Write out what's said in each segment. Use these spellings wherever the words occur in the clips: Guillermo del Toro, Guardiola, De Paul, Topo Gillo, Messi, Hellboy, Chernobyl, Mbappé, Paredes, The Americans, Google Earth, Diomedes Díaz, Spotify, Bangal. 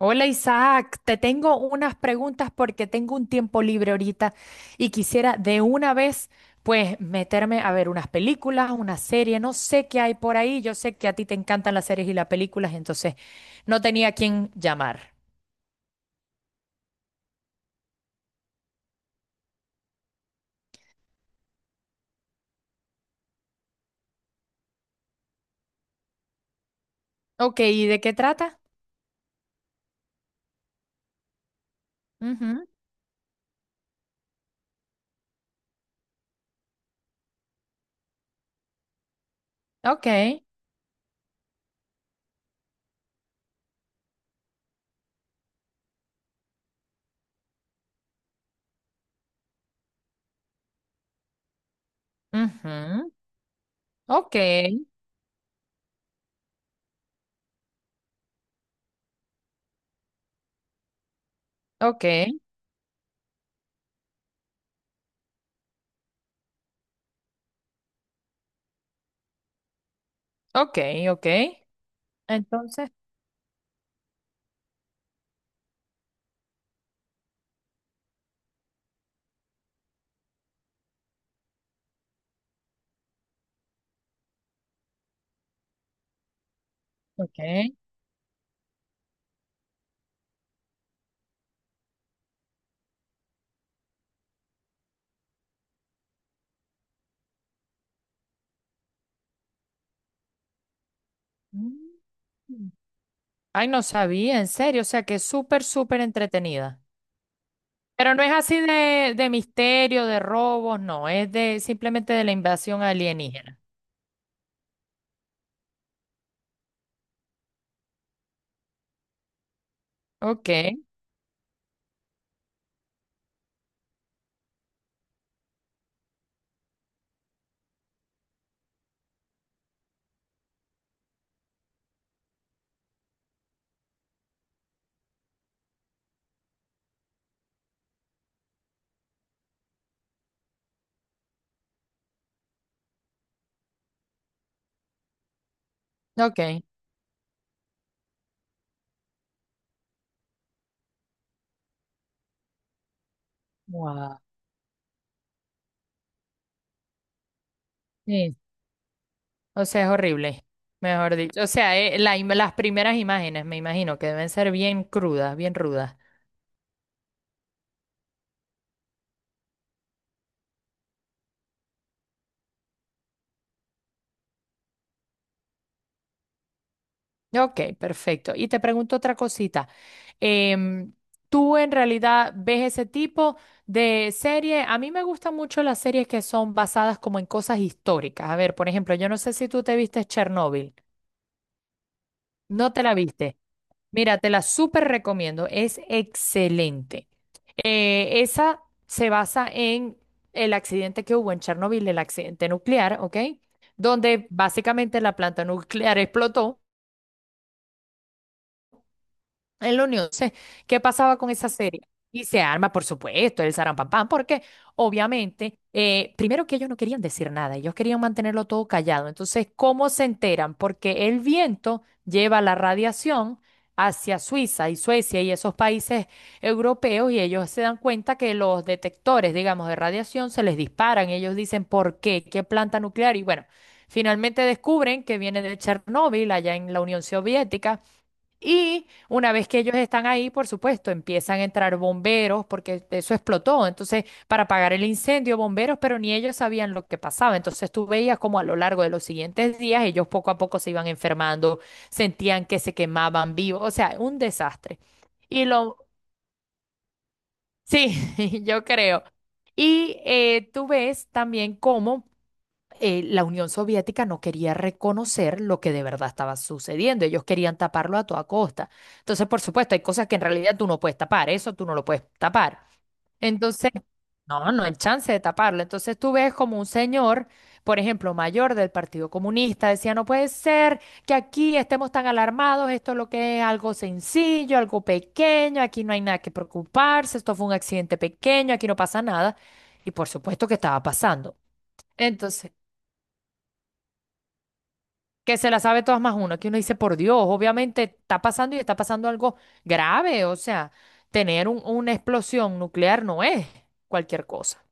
Hola Isaac, te tengo unas preguntas porque tengo un tiempo libre ahorita y quisiera de una vez pues meterme a ver unas películas, una serie, no sé qué hay por ahí, yo sé que a ti te encantan las series y las películas, entonces no tenía a quién llamar. Ok, ¿y de qué trata? Ujú. Ok, ujú, ok, ok, ok, ok. Entonces, ok. Mm. Ay, no sabía, en serio, o sea que es súper, súper entretenida. Pero no es así de misterio, de robos, no, es de simplemente de la invasión alienígena. Ok, ok. Wow. Sí. O sea, es horrible, mejor dicho. O sea, la las primeras imágenes, me imagino, que deben ser bien crudas, bien rudas. Ok, perfecto. Y te pregunto otra cosita. Em, ¿Tú en realidad ves ese tipo de serie? A mí me gustan mucho las series que son basadas como en cosas históricas. A ver, por ejemplo, yo no sé si tú te viste Chernobyl. No te la viste. Mira, te la súper recomiendo, es excelente. Esa se basa en el accidente que hubo en Chernobyl, el accidente nuclear, ¿ok? Donde básicamente la planta nuclear explotó en la Unión. Entonces, ¿qué pasaba con esa serie? Y se arma, por supuesto, el zarampampam, porque obviamente, primero que ellos no querían decir nada, ellos querían mantenerlo todo callado. Entonces, ¿cómo se enteran? Porque el viento lleva la radiación hacia Suiza y Suecia y esos países europeos y ellos se dan cuenta que los detectores, digamos, de radiación se les disparan. Ellos dicen, ¿por qué? ¿Qué planta nuclear? Y bueno, finalmente descubren que viene de Chernóbil, allá en la Unión Soviética. Y una vez que ellos están ahí, por supuesto, empiezan a entrar bomberos porque eso explotó. Entonces, para apagar el incendio, bomberos, pero ni ellos sabían lo que pasaba. Entonces, tú veías como a lo largo de los siguientes días, ellos poco a poco se iban enfermando, sentían que se quemaban vivos. O sea, un desastre. Y lo, sí, yo creo. Y tú ves también cómo la Unión Soviética no quería reconocer lo que de verdad estaba sucediendo. Ellos querían taparlo a toda costa. Entonces, por supuesto, hay cosas que en realidad tú no puedes tapar. Eso tú no lo puedes tapar. Entonces, no, no hay chance de taparlo. Entonces tú ves como un señor, por ejemplo, mayor del Partido Comunista, decía, no puede ser que aquí estemos tan alarmados. Esto es lo que es algo sencillo, algo pequeño. Aquí no hay nada que preocuparse. Esto fue un accidente pequeño. Aquí no pasa nada. Y por supuesto que estaba pasando. Entonces... que se la sabe todas más uno, que uno dice, por Dios, obviamente está pasando y está pasando algo grave, o sea, tener una explosión nuclear no es cualquier cosa.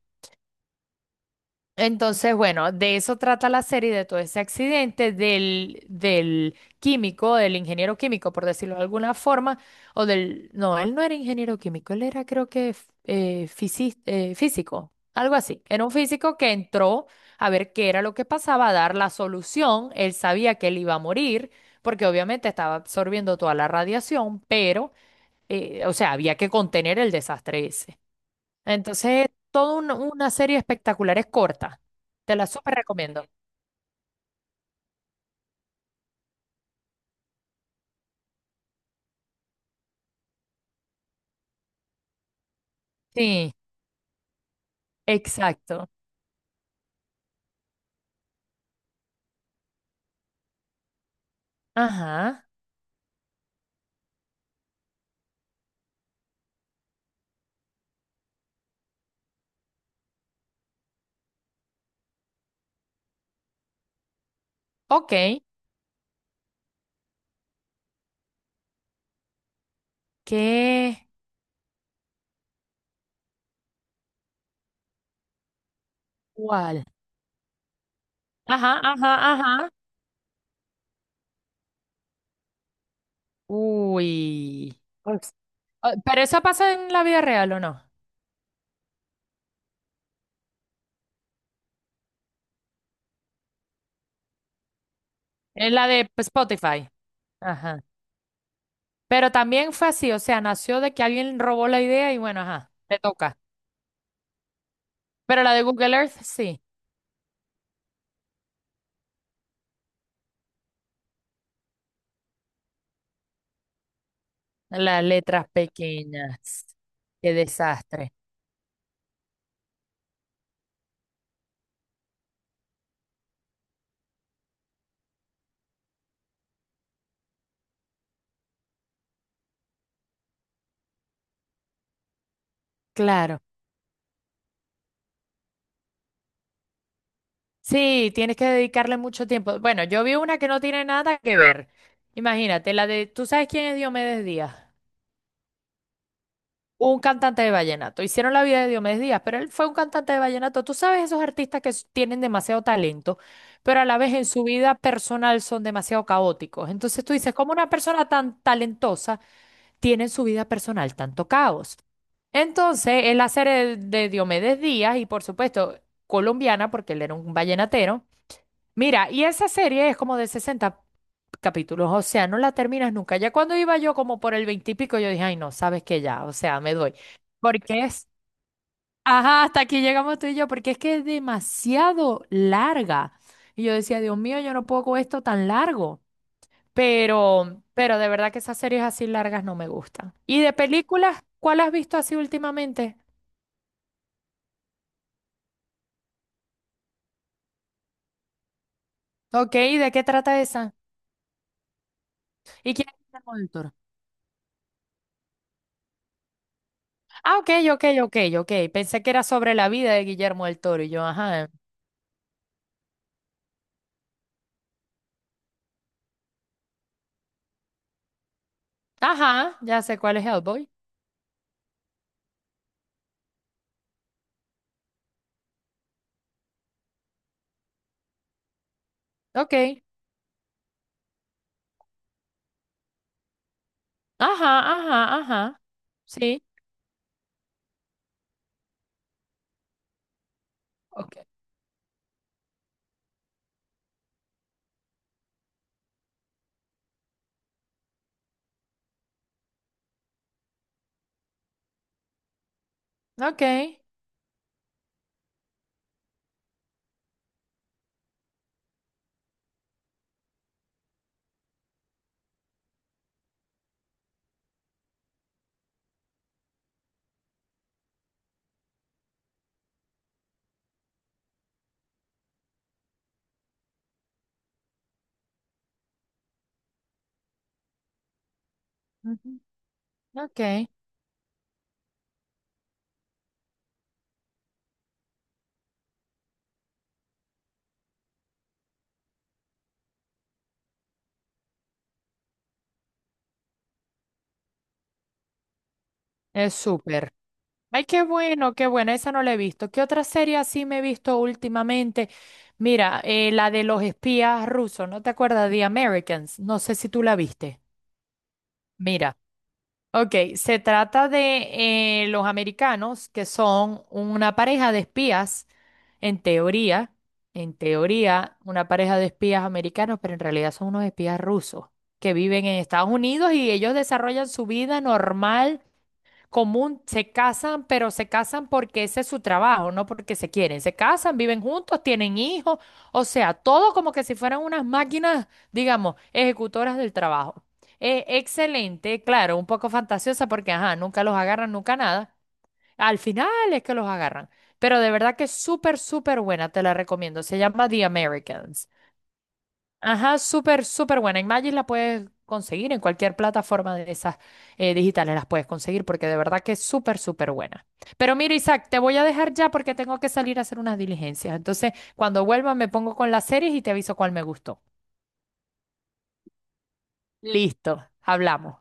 Entonces, bueno, de eso trata la serie, de todo ese accidente del, del químico, del ingeniero químico, por decirlo de alguna forma, o del... No, él no era ingeniero químico, él era creo que físico, algo así. Era un físico que entró a ver qué era lo que pasaba, a dar la solución. Él sabía que él iba a morir, porque obviamente estaba absorbiendo toda la radiación, pero, o sea, había que contener el desastre ese. Entonces, toda una serie espectacular, es corta. Te la súper recomiendo. Sí, exacto. Ajá. Ok. ¿Qué? ¿Cuál? Ajá, ajá, ajá. Uy. Ups. Ah, pero eso pasa en la vida real, ¿o no? En la de Spotify. Ajá. Pero también fue así, o sea, nació de que alguien robó la idea y bueno, ajá, te toca. Pero la de Google Earth, sí. Las letras pequeñas. Qué desastre. Claro. Sí, tienes que dedicarle mucho tiempo. Bueno, yo vi una que no tiene nada que ver. Imagínate, la de, ¿tú sabes quién es Diomedes Díaz? Un cantante de vallenato. Hicieron la vida de Diomedes Díaz, pero él fue un cantante de vallenato. Tú sabes esos artistas que tienen demasiado talento, pero a la vez en su vida personal son demasiado caóticos. Entonces tú dices, ¿cómo una persona tan talentosa tiene en su vida personal tanto caos? Entonces, él hacer el de Diomedes Díaz y por supuesto colombiana, porque él era un vallenatero. Mira, y esa serie es como de 60 capítulos, o sea, no la terminas nunca. Ya cuando iba yo como por el 20 y pico, yo dije, ay, no, sabes que ya, o sea, me doy. Porque es, ajá, hasta aquí llegamos tú y yo, porque es que es demasiado larga. Y yo decía, Dios mío, yo no puedo con esto tan largo. Pero de verdad que esas series así largas no me gustan. ¿Y de películas, cuál has visto así últimamente? Ok, ¿y de qué trata esa? ¿Y quién es el ah, ok, ok, ok, ok. Pensé que era sobre la vida de Guillermo del Toro y yo, ajá. Ajá, ya sé cuál es Hellboy. Ok. Ajá, ajá, ajá. Sí. Ok. Ok. Ujú. Ok. Es súper. Ay, qué bueno, qué buena. Esa no la he visto. ¿Qué otra serie así me he visto últimamente? Mira, la de los espías rusos. ¿No te acuerdas? The Americans. No sé si tú la viste. Mira. Ok, se trata de los americanos que son una pareja de espías, en teoría, en teoría, una pareja de espías americanos, pero en realidad son unos espías rusos que viven en Estados Unidos y ellos desarrollan su vida normal común, se casan, pero se casan porque ese es su trabajo, no porque se quieren. Se casan, viven juntos, tienen hijos, o sea, todo como que si fueran unas máquinas, digamos, ejecutoras del trabajo. Excelente, claro, un poco fantasiosa porque, ajá, nunca los agarran, nunca nada. Al final es que los agarran. Pero de verdad que es súper, súper buena, te la recomiendo. Se llama The Americans. Ajá, súper, súper buena. Imagine la puedes conseguir en cualquier plataforma de esas digitales, las puedes conseguir porque de verdad que es súper, súper buena. Pero mira, Isaac, te voy a dejar ya porque tengo que salir a hacer unas diligencias. Entonces, cuando vuelva me pongo con las series y te aviso cuál me gustó. Listo, hablamos.